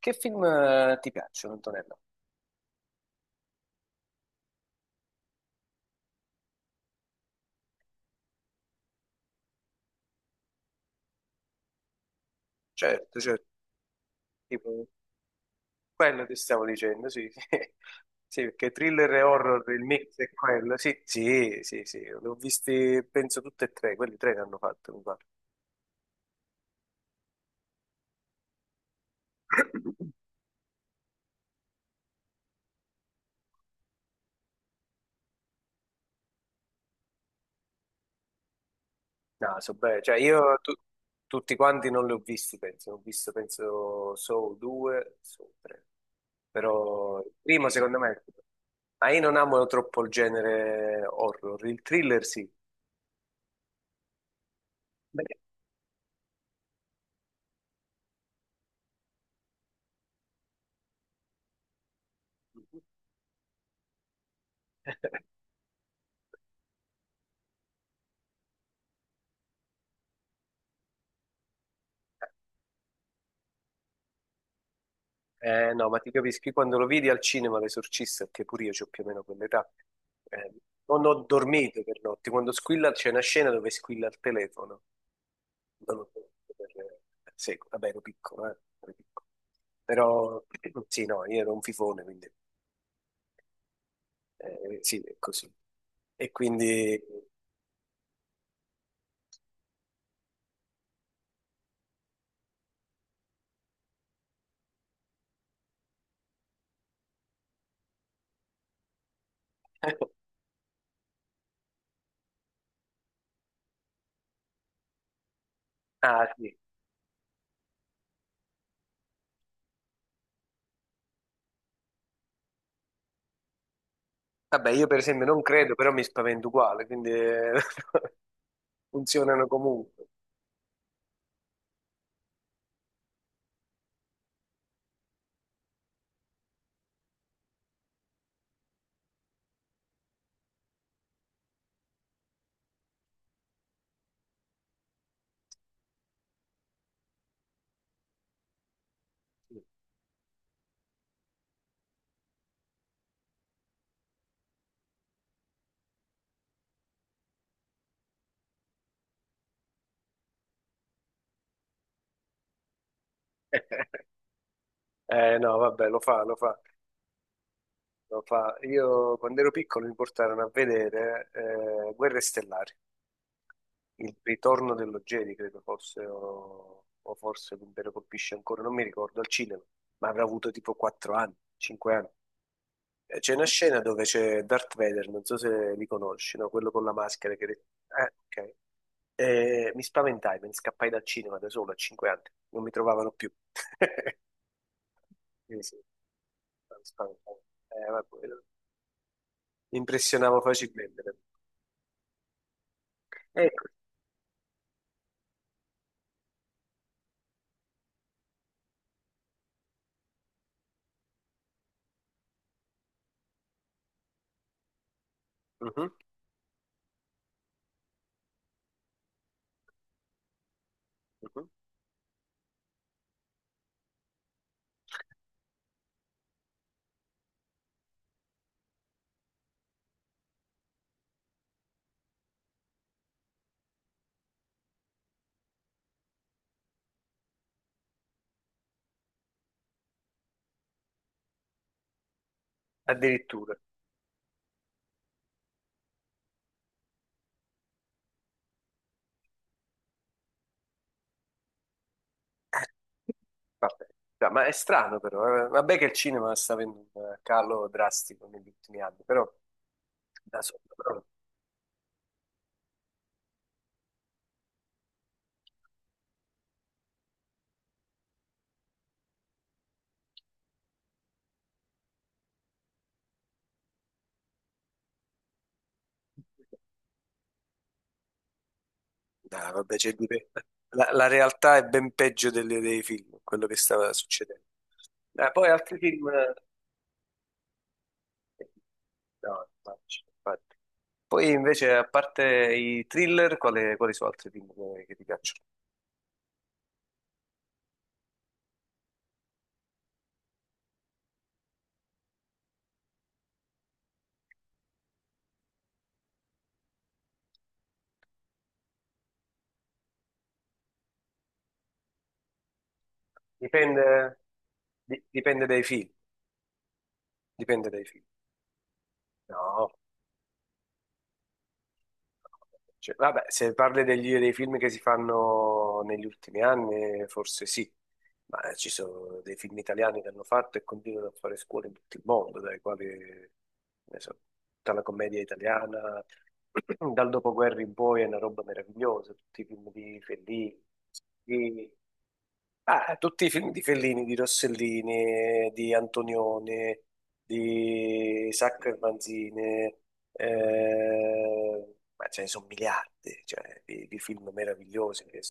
Che film ti piacciono, Antonello? Certo, certo, tipo, quello ti stavo dicendo, sì, sì, Sì, perché thriller e horror, il mix è quello, sì, sì, sì, sì, l'ho visti, penso, tutte e tre, quelli tre che hanno fatto, mi pare. No, so bene, cioè tutti quanti non li ho visti, penso, ho visto, penso, Saw 2, Saw 3, però il primo secondo me, ma io non amo troppo il genere horror, il thriller sì. Beh. No, ma ti capisco, io quando lo vidi al cinema L'Esorcista, che pure io ho più o meno quell'età, eh, non ho dormito per notti. Quando squilla c'è una scena dove squilla il telefono. Non ho dormito per secoli. Vabbè, ero piccolo, ero piccolo. Però sì, no, io ero un fifone, quindi sì, è così. E quindi... Ah, sì. Vabbè, io per esempio non credo, però mi spavento uguale, quindi funzionano comunque. Eh no, vabbè, lo fa, lo fa. Lo fa. Io quando ero piccolo mi portarono a vedere Guerre Stellari, il ritorno dello Jedi, credo fosse, o forse l'Impero colpisce ancora, non mi ricordo, al cinema, ma avrà avuto tipo 4 anni, 5 anni. E c'è una scena dove c'è Darth Vader, non so se li conosci, no? Quello con la maschera che... ok. E mi spaventai, me ne scappai dal cinema da solo a 5 anni, non mi trovavano più. Quindi sì, mi spaventai. Vabbè, mi impressionavo facilmente. Ecco. Mhm, mhm. Addirittura. Vabbè. Dai, ma è strano però, eh. Vabbè che il cinema sta avendo un calo drastico negli ultimi anni, però da solo, dai, vabbè, la, la realtà è ben peggio dei film, quello che stava succedendo. Poi altri film... No, infatti, infatti. Poi invece, a parte i thriller, quali, quali sono altri film che ti piacciono? Dipende, dipende dai film, dipende dai film. No. Cioè, vabbè, se parli dei film che si fanno negli ultimi anni, forse sì, ma ci sono dei film italiani che hanno fatto e continuano a fare scuole in tutto il mondo, dai quali, ne so, tutta la commedia italiana, dal dopoguerra in poi è una roba meravigliosa, tutti i film di Fellini, di- Ah, tutti i film di Fellini, di Rossellini, di Antonioni, di Sacco e Manzini, ma ce ne sono miliardi, cioè, di film meravigliosi.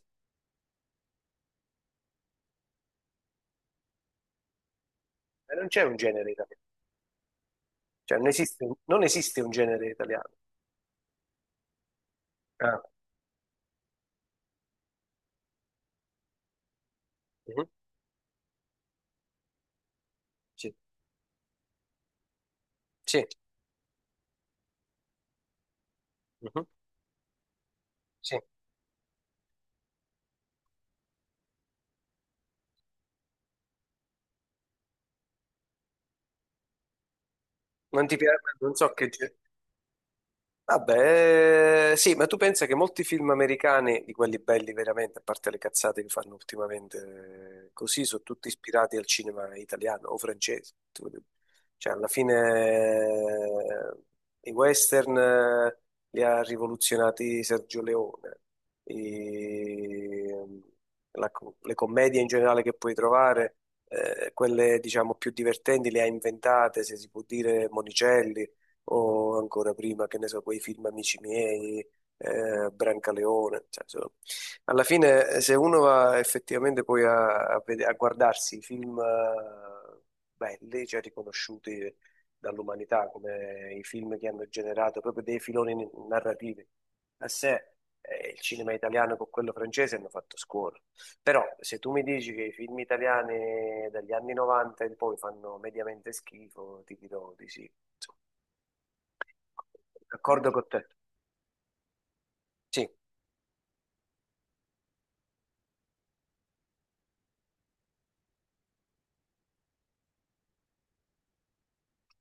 E non c'è un genere italiano, cioè, non esiste, non esiste un genere italiano. Ah, mhm, sì, sì, mhm, sì. Non ti piace, non so che... Vabbè, sì, ma tu pensa che molti film americani, di quelli belli veramente, a parte le cazzate che fanno ultimamente, così sono tutti ispirati al cinema italiano o francese. Cioè, alla fine i western li ha rivoluzionati Sergio Leone, i- le commedie in generale che puoi trovare, quelle diciamo più divertenti le ha inventate, se si può dire, Monicelli o ancora prima, che ne so, quei film Amici miei, Brancaleone, cioè, insomma, alla fine se uno va effettivamente poi a guardarsi i film belli, cioè riconosciuti dall'umanità come i film che hanno generato proprio dei filoni narrativi a sé, il cinema italiano con quello francese hanno fatto scuola. Però se tu mi dici che i film italiani dagli anni 90 in poi fanno mediamente schifo, ti dirò di sì. D'accordo con te. Sì,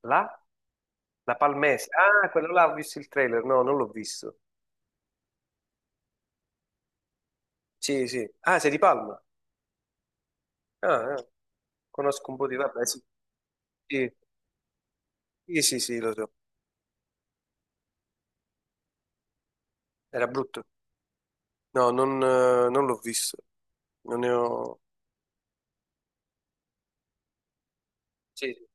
La? La Palmese. Ah, quello là ho visto il trailer. No, non l'ho visto. Sì, sì. Ah, sei di Palma. Ah, ah. Conosco un po' di... Vabbè, sì. Sì, sì, sì, sì, lo so. Era brutto. No, non, non l'ho visto. Non ne ho... Sì, sì.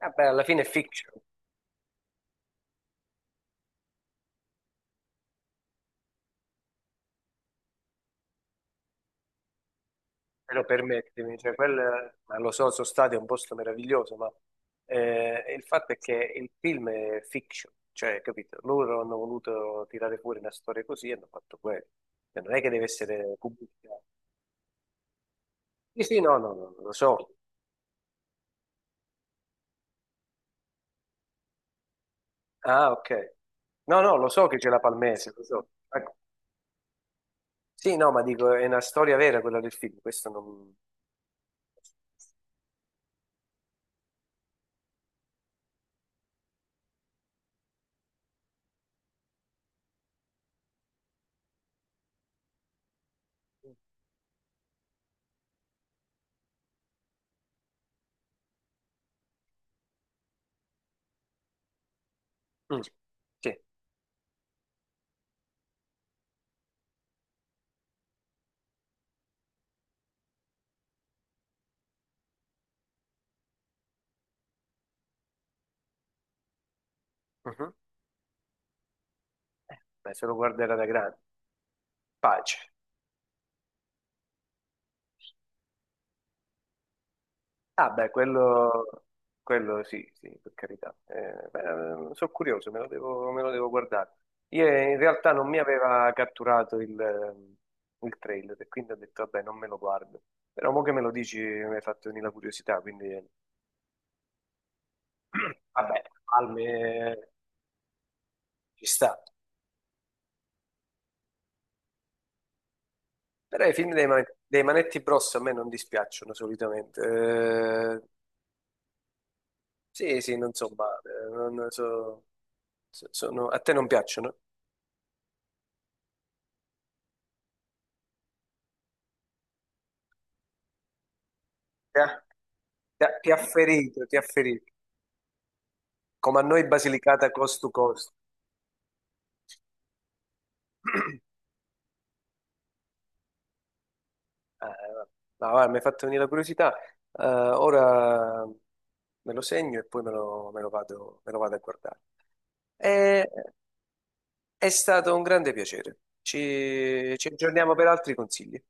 Vabbè, alla fine è fiction. Però permettimi, cioè quel, ma lo so, sono stati è un posto meraviglioso, ma il fatto è che il film è fiction, cioè, capito? Loro hanno voluto tirare fuori una storia così e hanno fatto quello. Cioè, non è che deve essere pubblicata. Sì, sì, no, no, no, no, lo so. Ah, ok. No, no, lo so che c'è la Palmese, lo so. Ecco. Sì, no, ma dico, è una storia vera quella del film, questo non... Mm, sì, mhm. Beh, se lo guarderà da grande. Pace. Ah, beh, quello sì, sì, per carità. Beh, sono curioso, me lo devo guardare. Io in realtà non mi aveva catturato il trailer e quindi ho detto, vabbè, non me lo guardo. Però mo che me lo dici mi hai fatto venire la curiosità, quindi vabbè, Palme ci sta. Però i film dei, dei Manetti Bros a me non dispiacciono solitamente. Sì, sì, non so male. Non so- sono- a te non piacciono? Ti ha ferito, ti ha ferito. Come a noi Basilicata cost to cost. Eh, no, guarda, mi hai fatto venire la curiosità. Ora me lo segno e poi me lo vado a guardare. Eh, È, stato un grande piacere. Ci, ci aggiorniamo per altri consigli.